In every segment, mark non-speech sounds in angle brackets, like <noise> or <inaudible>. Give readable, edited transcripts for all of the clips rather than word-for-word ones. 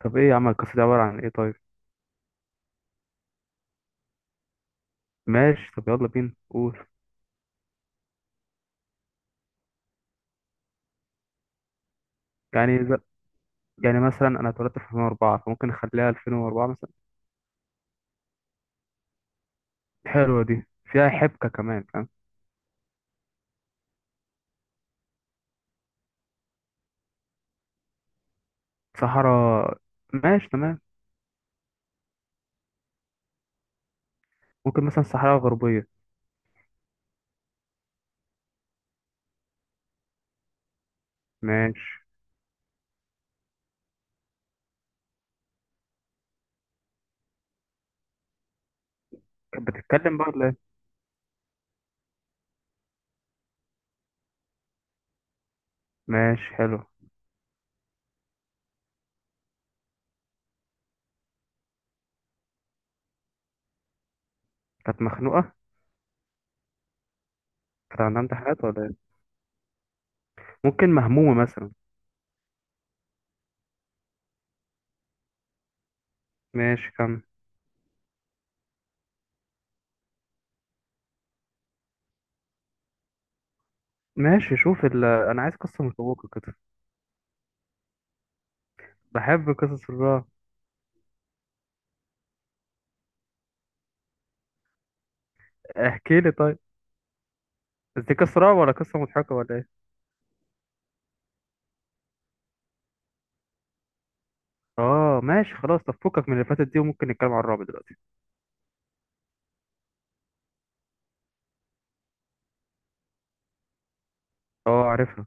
طب ايه يا عم القصة دي عبارة عن ايه طيب؟ ماشي، طب يلا بينا قول. يعني ز... يعني مثلا انا اتولدت في 2004، فممكن نخليها 2004 مثلا. حلوة دي، فيها حبكة كمان، فاهم؟ صحراء. ماشي تمام. ممكن مثلا صحراء غربية. ماشي. كانت بتتكلم بقى ولا ايه؟ ماشي حلو. كانت مخنوقة؟ كانت عندها امتحانات ولا ايه؟ ممكن مهمومة مثلا. ماشي كم. ماشي، شوف انا عايز قصة مشوقة كده. بحب قصص الرعب. احكي لي طيب. بس دي قصة رعب ولا قصة مضحكة ولا ايه؟ اه ماشي خلاص، طب فكك من اللي فاتت دي وممكن نتكلم على الرعب دلوقتي. اه عارفها.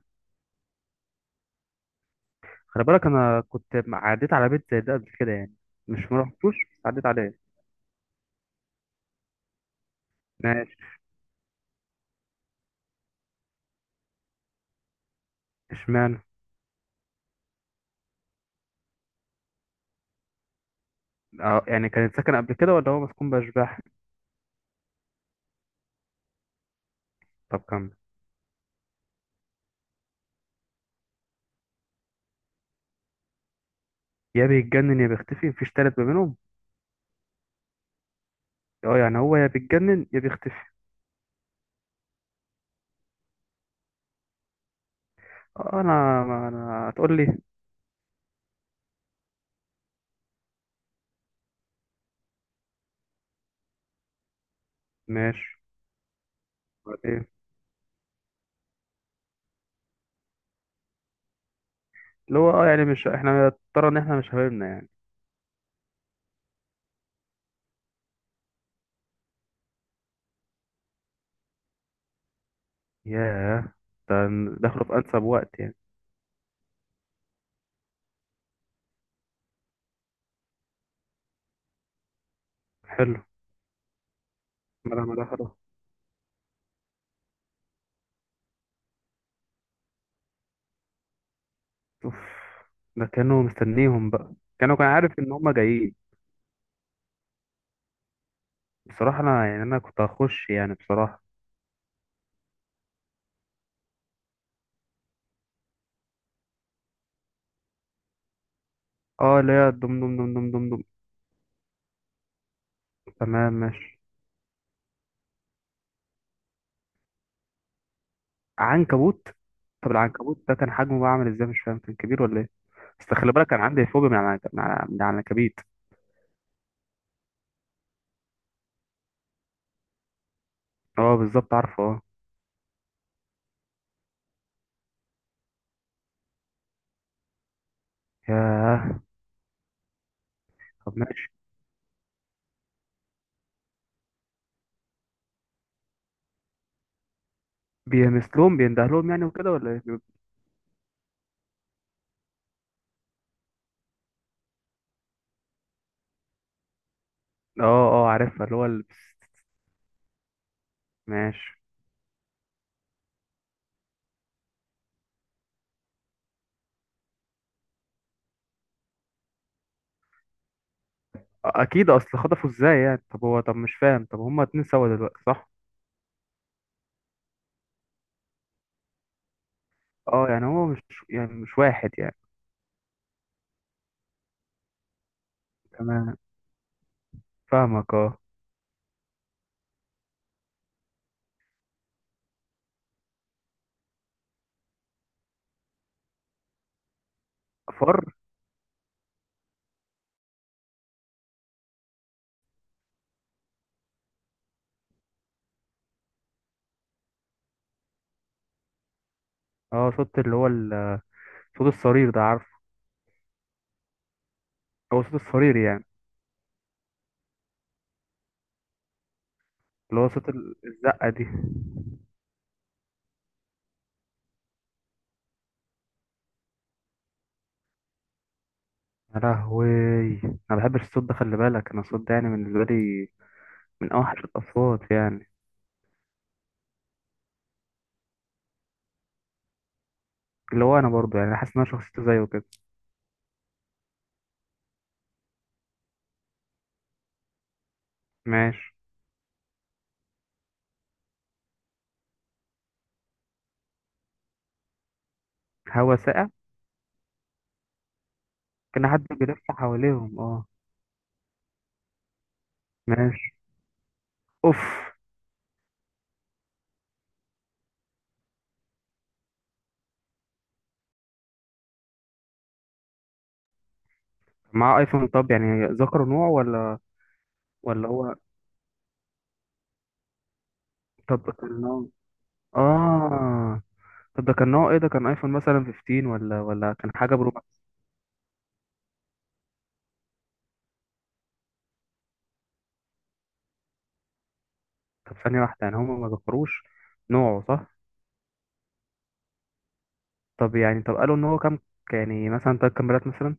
خلي بالك انا كنت عديت على بيت زي ده قبل كده يعني. مش ما رحتوش بس عديت عليه. ماشي. اشمعنى؟ اه يعني كان ساكن قبل كده ولا هو مسكون باشباح؟ طب كمل. يا بيتجنن يا بيختفي، مفيش تالت ما بينهم. اه يعني هو يا بيتجنن يا بيختفي. اه انا ما انا هتقول لي. ماشي. ايه؟ اللي هو اه يعني مش احنا ترى ان احنا مش حبايبنا يعني. ياه. ده دخلوا في انسب وقت يعني. حلو. ما ده خلاص. اوف. ده كانوا مستنيهم بقى؟ كانوا كان عارف ان هم جايين. بصراحة انا يعني انا كنت هخش يعني بصراحة. اه اللي هي دم دم دم دم دم دم. تمام ماشي. عنكبوت. طب العنكبوت ده كان حجمه بقى عامل ازاي؟ مش فاهم كان كبير ولا ايه؟ بس خلي بالك كان عندي فوبيا من العنكبيت. اه بالظبط عارفه اه. ياه. طب ماشي. بيمثلهم بيندهلهم يعني وكده ولا ايه؟ اه اه عارفها ماشي. اكيد اصل خطفوا ازاي يعني؟ طب هو طب مش فاهم، طب هما اتنين سوا دلوقتي صح؟ اه يعني هو مش يعني مش واحد يعني. تمام. فاهمك اه. فر. اه صوت صوت الصرير ده عارفه. هو صوت الصرير يعني. اللي هو صوت ال- الزقة دي. يا لهوي. انا ما بحبش الصوت ده، خلي بالك انا الصوت ده يعني بالنسبة لي من اوحش الاصوات يعني. اللي هو انا برضو يعني حاسس ان انا شخصيته زيه كده. ماشي. هوا ساقع؟ كان حد بيلف حواليهم اه. ماشي. اوف. مع ايفون؟ طب يعني ذكروا نوع ولا؟ ولا هو. طب كان نوع. اه. طب ده كان نوع ايه؟ ده كان ايفون مثلا 15 ولا ولا كان حاجه برو ماكس؟ طب ثانيه واحده، يعني هم ما ذكروش نوعه صح. طب يعني طب قالوا ان هو كام؟ يعني مثلا تلات كاميرات مثلا.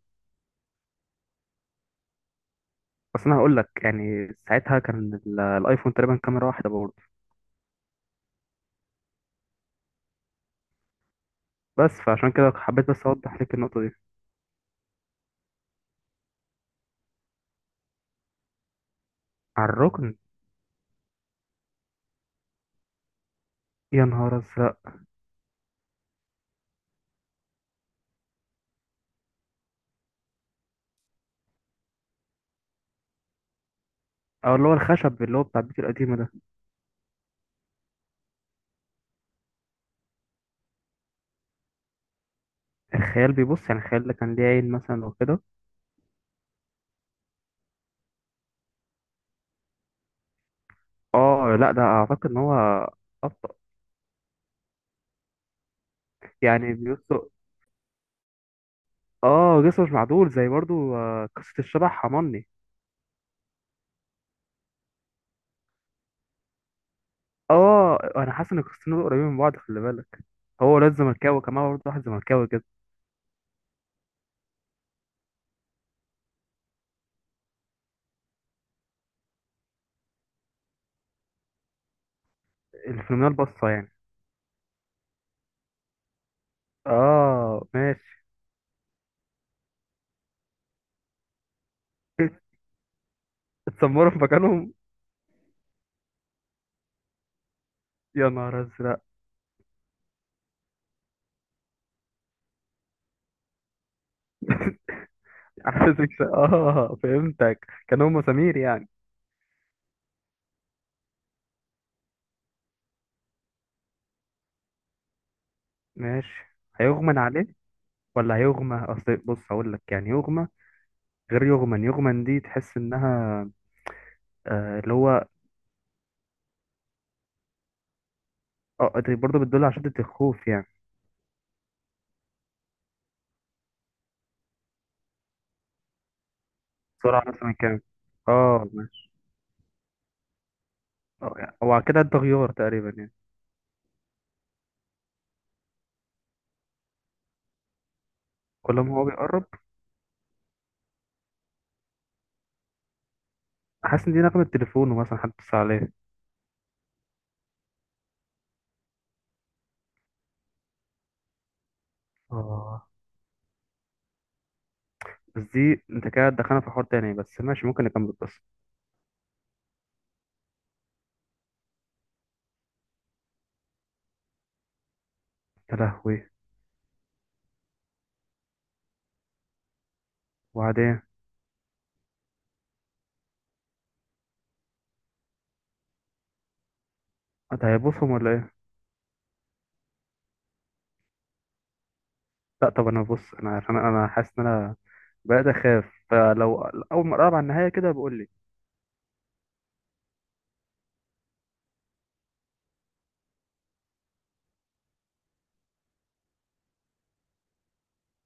بس انا هقول لك يعني ساعتها كان الايفون تقريبا كاميرا واحده برضه. بس فعشان كده حبيت بس اوضح لك النقطه دي. على الركن. يا نهار ازرق. او اللي هو الخشب اللي هو بتاع البيت القديمه ده. الخيال بيبص، يعني الخيال ده كان ليه عين مثلا وكده؟ اه لا، ده اعتقد ان هو ابطأ. يعني بيبص. اه جسمه مش معدول زي برضه، آه قصه الشبح حماني. اه انا حاسس ان القصتين دول قريبين من بعض خلي بالك. هو ولاد زملكاوي كمان برضه، واحد زملكاوي كده. الفينومينال بصة يعني. اه ماشي. <laughs> اتسمروا في مكانهم. يا نهار ازرق. <laughs> اه فهمتك، كانوا هم سمير يعني. ماشي. هيغمن عليه ولا هيغمى؟ اصل بص هقول لك، يعني يغمى غير يغمن، يغمن دي تحس انها آه، اللي هو. اه دي برضه بتدل على شدة الخوف يعني. سرعة مثلا كام؟ اه ماشي. اه يعني هو كده ده غيار تقريبا يعني. كل ما هو بيقرب. حاسس ان دي نغمة تليفونه، مثلا حد اتصل عليه. اه بس دي انت كده دخلنا في حوار تاني، بس ماشي ممكن نكمل القصة. يا لهوي. وبعدين؟ انت هيبصهم ولا ايه؟ لا طب انا بص، انا عشان انا حاسس ان انا بقيت اخاف، فلو اول ما اقرب على النهاية كده بقول لي.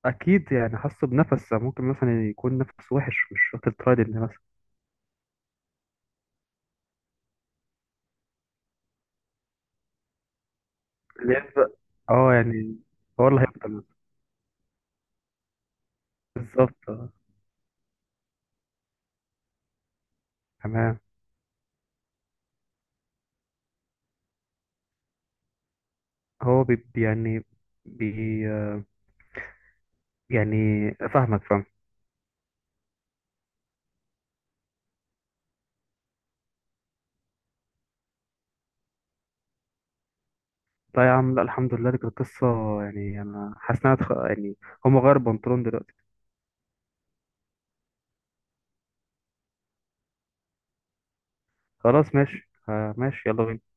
اكيد يعني حاسه بنفس، ممكن مثلا يكون نفس وحش مش واخد ترايد ان مثلا. اللي يبدأ. اه يعني هو اللي هيبدأ مثلا. بالظبط آه. تمام. هو يعني بي يعني، فاهمك فاهم. لا يا عم لا، الحمد لله دي كانت قصة. يعني أنا حاسس إنها يعني هم غير بنطلون دلوقتي. خلاص ماشي آه، ماشي يلا بينا.